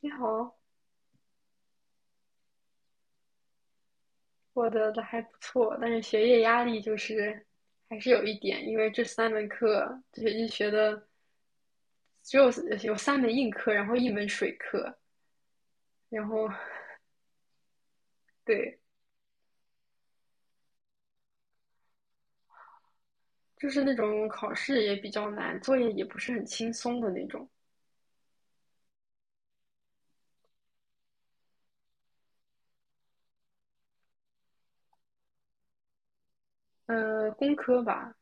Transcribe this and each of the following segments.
你好，我的还不错，但是学业压力就是还是有一点，因为这三门课这学期学的只有有三门硬课，然后一门水课，然后对，就是那种考试也比较难，作业也不是很轻松的那种。工科吧。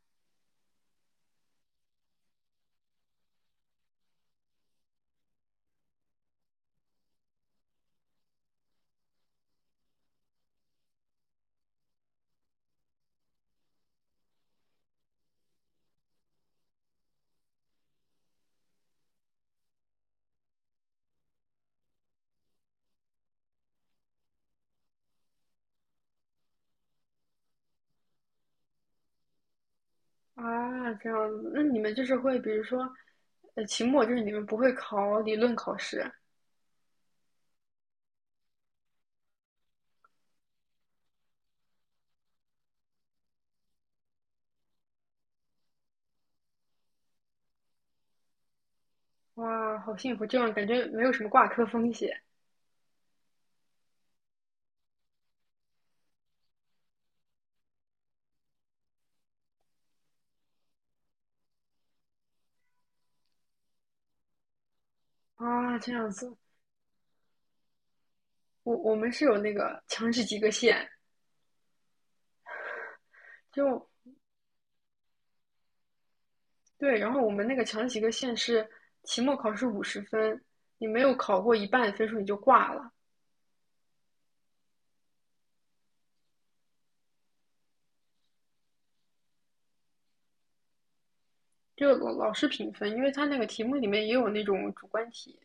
啊，这样子，那你们就是会，比如说，期末就是你们不会考理论考试，哇，好幸福，这样感觉没有什么挂科风险。啊，这样子。我们是有那个强制及格线，就对，然后我们那个强制及格线是期末考试五十分，你没有考过一半的分数你就挂了，就老师评分，因为他那个题目里面也有那种主观题，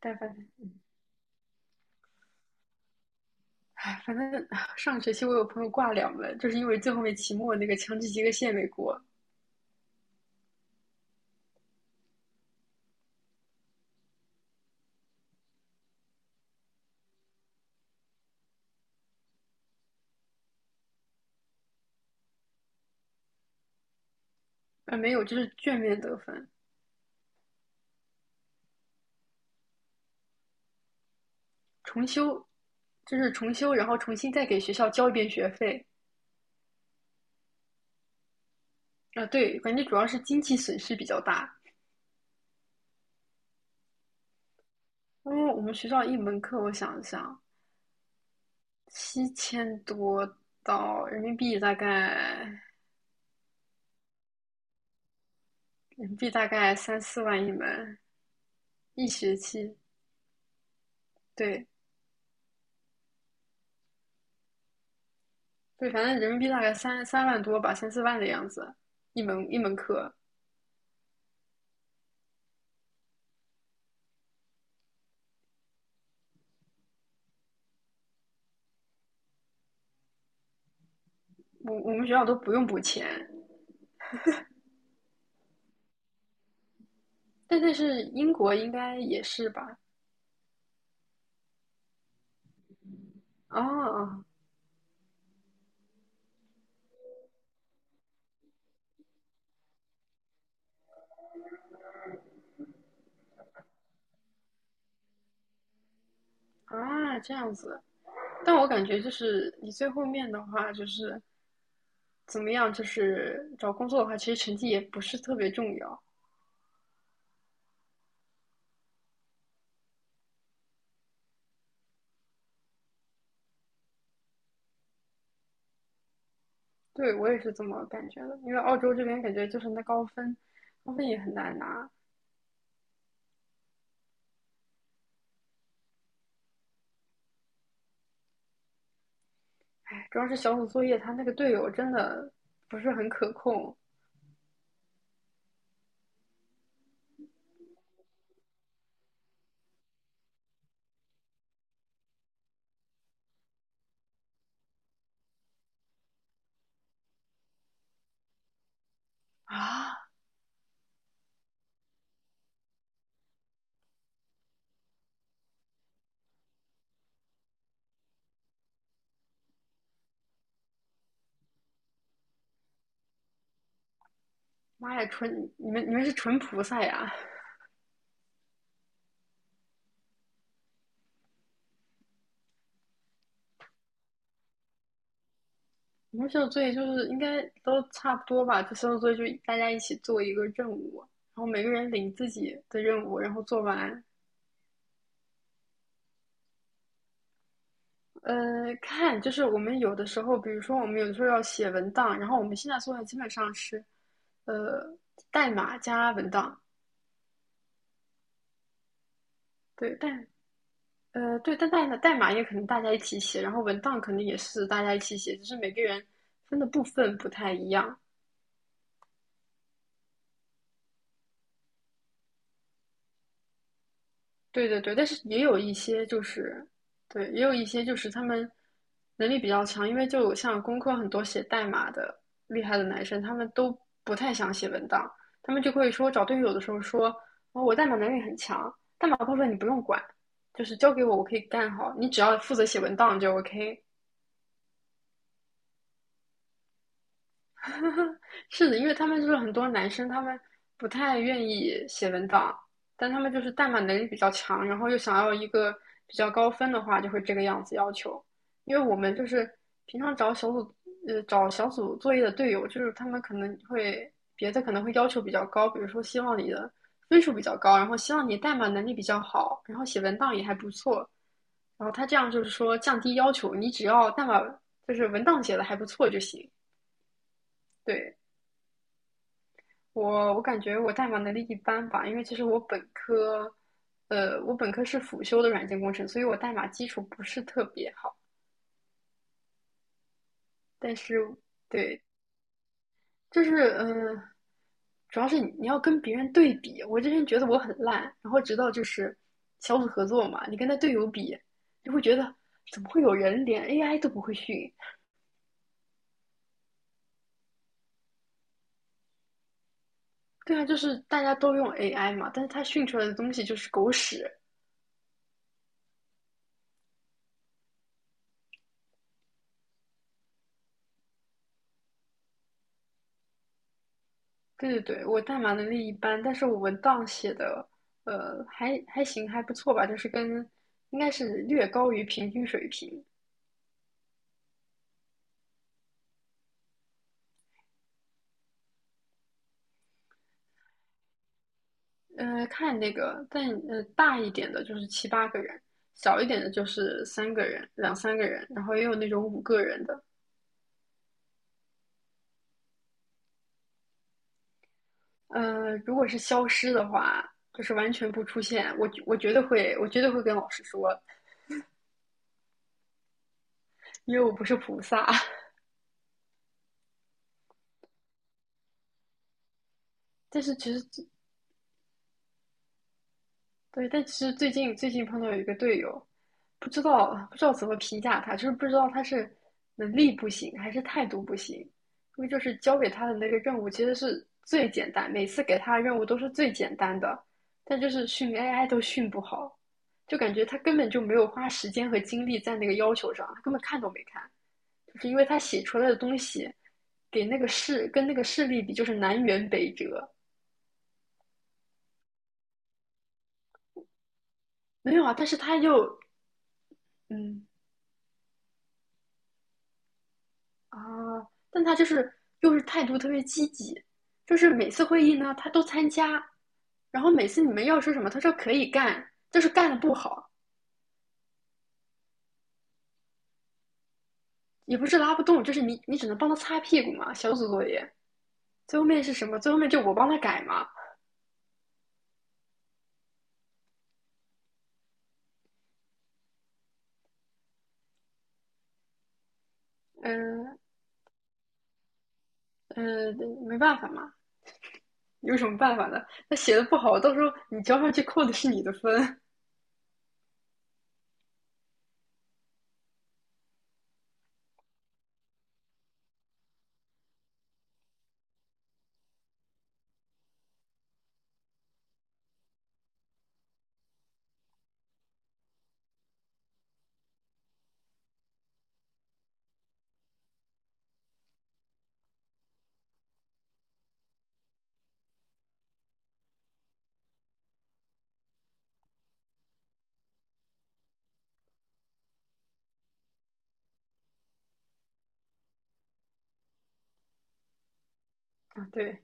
但反正唉，反正 上学期我有朋友挂两门，就是因为最后面期末那个强制及格线没过，啊没有，就是卷面得分。重修，就是重修，然后重新再给学校交一遍学费。啊，对，感觉主要是经济损失比较大。因为我们学校一门课，我想一想，七千多到人民币大概，人民币大概三四万一门，一学期，对对，反正人民币大概三万多吧，三四万的样子，一门课，我们学校都不用补钱，但是英国应该也是吧？哦，啊，这样子，但我感觉就是你最后面的话就是，怎么样？就是找工作的话，其实成绩也不是特别重要。对，我也是这么感觉的，因为澳洲这边感觉就是那高分，高分也很难拿。哎，主要是小组作业，他那个队友真的不是很可控。啊！妈呀，纯你们是纯菩萨呀！你们小组作业就是应该都差不多吧？就小组作业就大家一起做一个任务，然后每个人领自己的任务，然后做完。呃，看就是我们有的时候，比如说我们有的时候要写文档，然后我们现在做的基本上是，呃，代码加文档。对代呃对，但代码也可能大家一起写，然后文档肯定也是大家一起写，只是每个人分的部分不太一样。对对对，但是也有一些就是，对，也有一些就是他们能力比较强，因为就像工科很多写代码的厉害的男生，他们都不太想写文档，他们就会说找队友的时候说，哦，我代码能力很强，代码部分你不用管，就是交给我，我可以干好，你只要负责写文档就 OK。是的，因为他们就是很多男生，他们不太愿意写文档，但他们就是代码能力比较强，然后又想要一个比较高分的话，就会这个样子要求。因为我们就是平常找小组，找小组作业的队友，就是他们可能会别的可能会要求比较高，比如说希望你的分数比较高，然后希望你代码能力比较好，然后写文档也还不错，然后他这样就是说降低要求，你只要代码就是文档写的还不错就行。对，我感觉我代码能力一般吧，因为其实我本科，我本科是辅修的软件工程，所以我代码基础不是特别好。但是，对，就是嗯、呃主要是你要跟别人对比。我之前觉得我很烂，然后直到就是小组合作嘛，你跟他队友比，就会觉得怎么会有人连 AI 都不会训？对啊，就是大家都用 AI 嘛，但是他训出来的东西就是狗屎。对对对，我代码能力一般，但是我文档写的，还行，还不错吧，就是跟应该是略高于平均水平。看那个，但大一点的就是七八个人，小一点的就是三个人、两三个人，然后也有那种五个人的。如果是消失的话，就是完全不出现，我绝对会，我绝对会跟老师说，因为我不是菩萨。但是其实对，但其实最近碰到有一个队友，不知道怎么评价他，就是不知道他是能力不行还是态度不行，因为就是交给他的那个任务其实是最简单，每次给他的任务都是最简单的，但就是训 AI 都训不好，就感觉他根本就没有花时间和精力在那个要求上，他根本看都没看，就是因为他写出来的东西给那个事跟那个事例比就是南辕北辙。没有啊，但是他又嗯，啊，但他就是又是态度特别积极，就是每次会议呢他都参加，然后每次你们要说什么，他说可以干，就是干的不好，也不是拉不动，就是你只能帮他擦屁股嘛，小组作业。最后面是什么？最后面就我帮他改嘛，嗯、呃没办法嘛，有什么办法呢？他写的不好，到时候你交上去扣的是你的分。啊，对，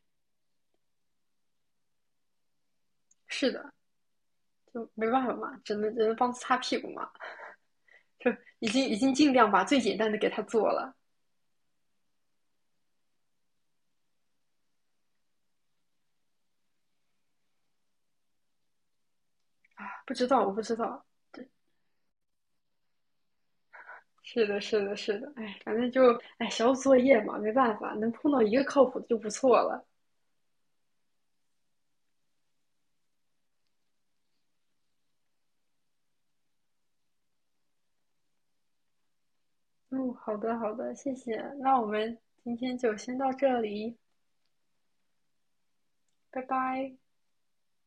是的，就没办法嘛，只能帮他擦屁股嘛，就已经尽量把最简单的给他做了。啊，不知道，我不知道。对，是的，是的，是的。哎，反正就哎，小组作业嘛，没办法，能碰到一个靠谱的就不错了。嗯，好的，好的，谢谢。那我们今天就先到这里，拜拜。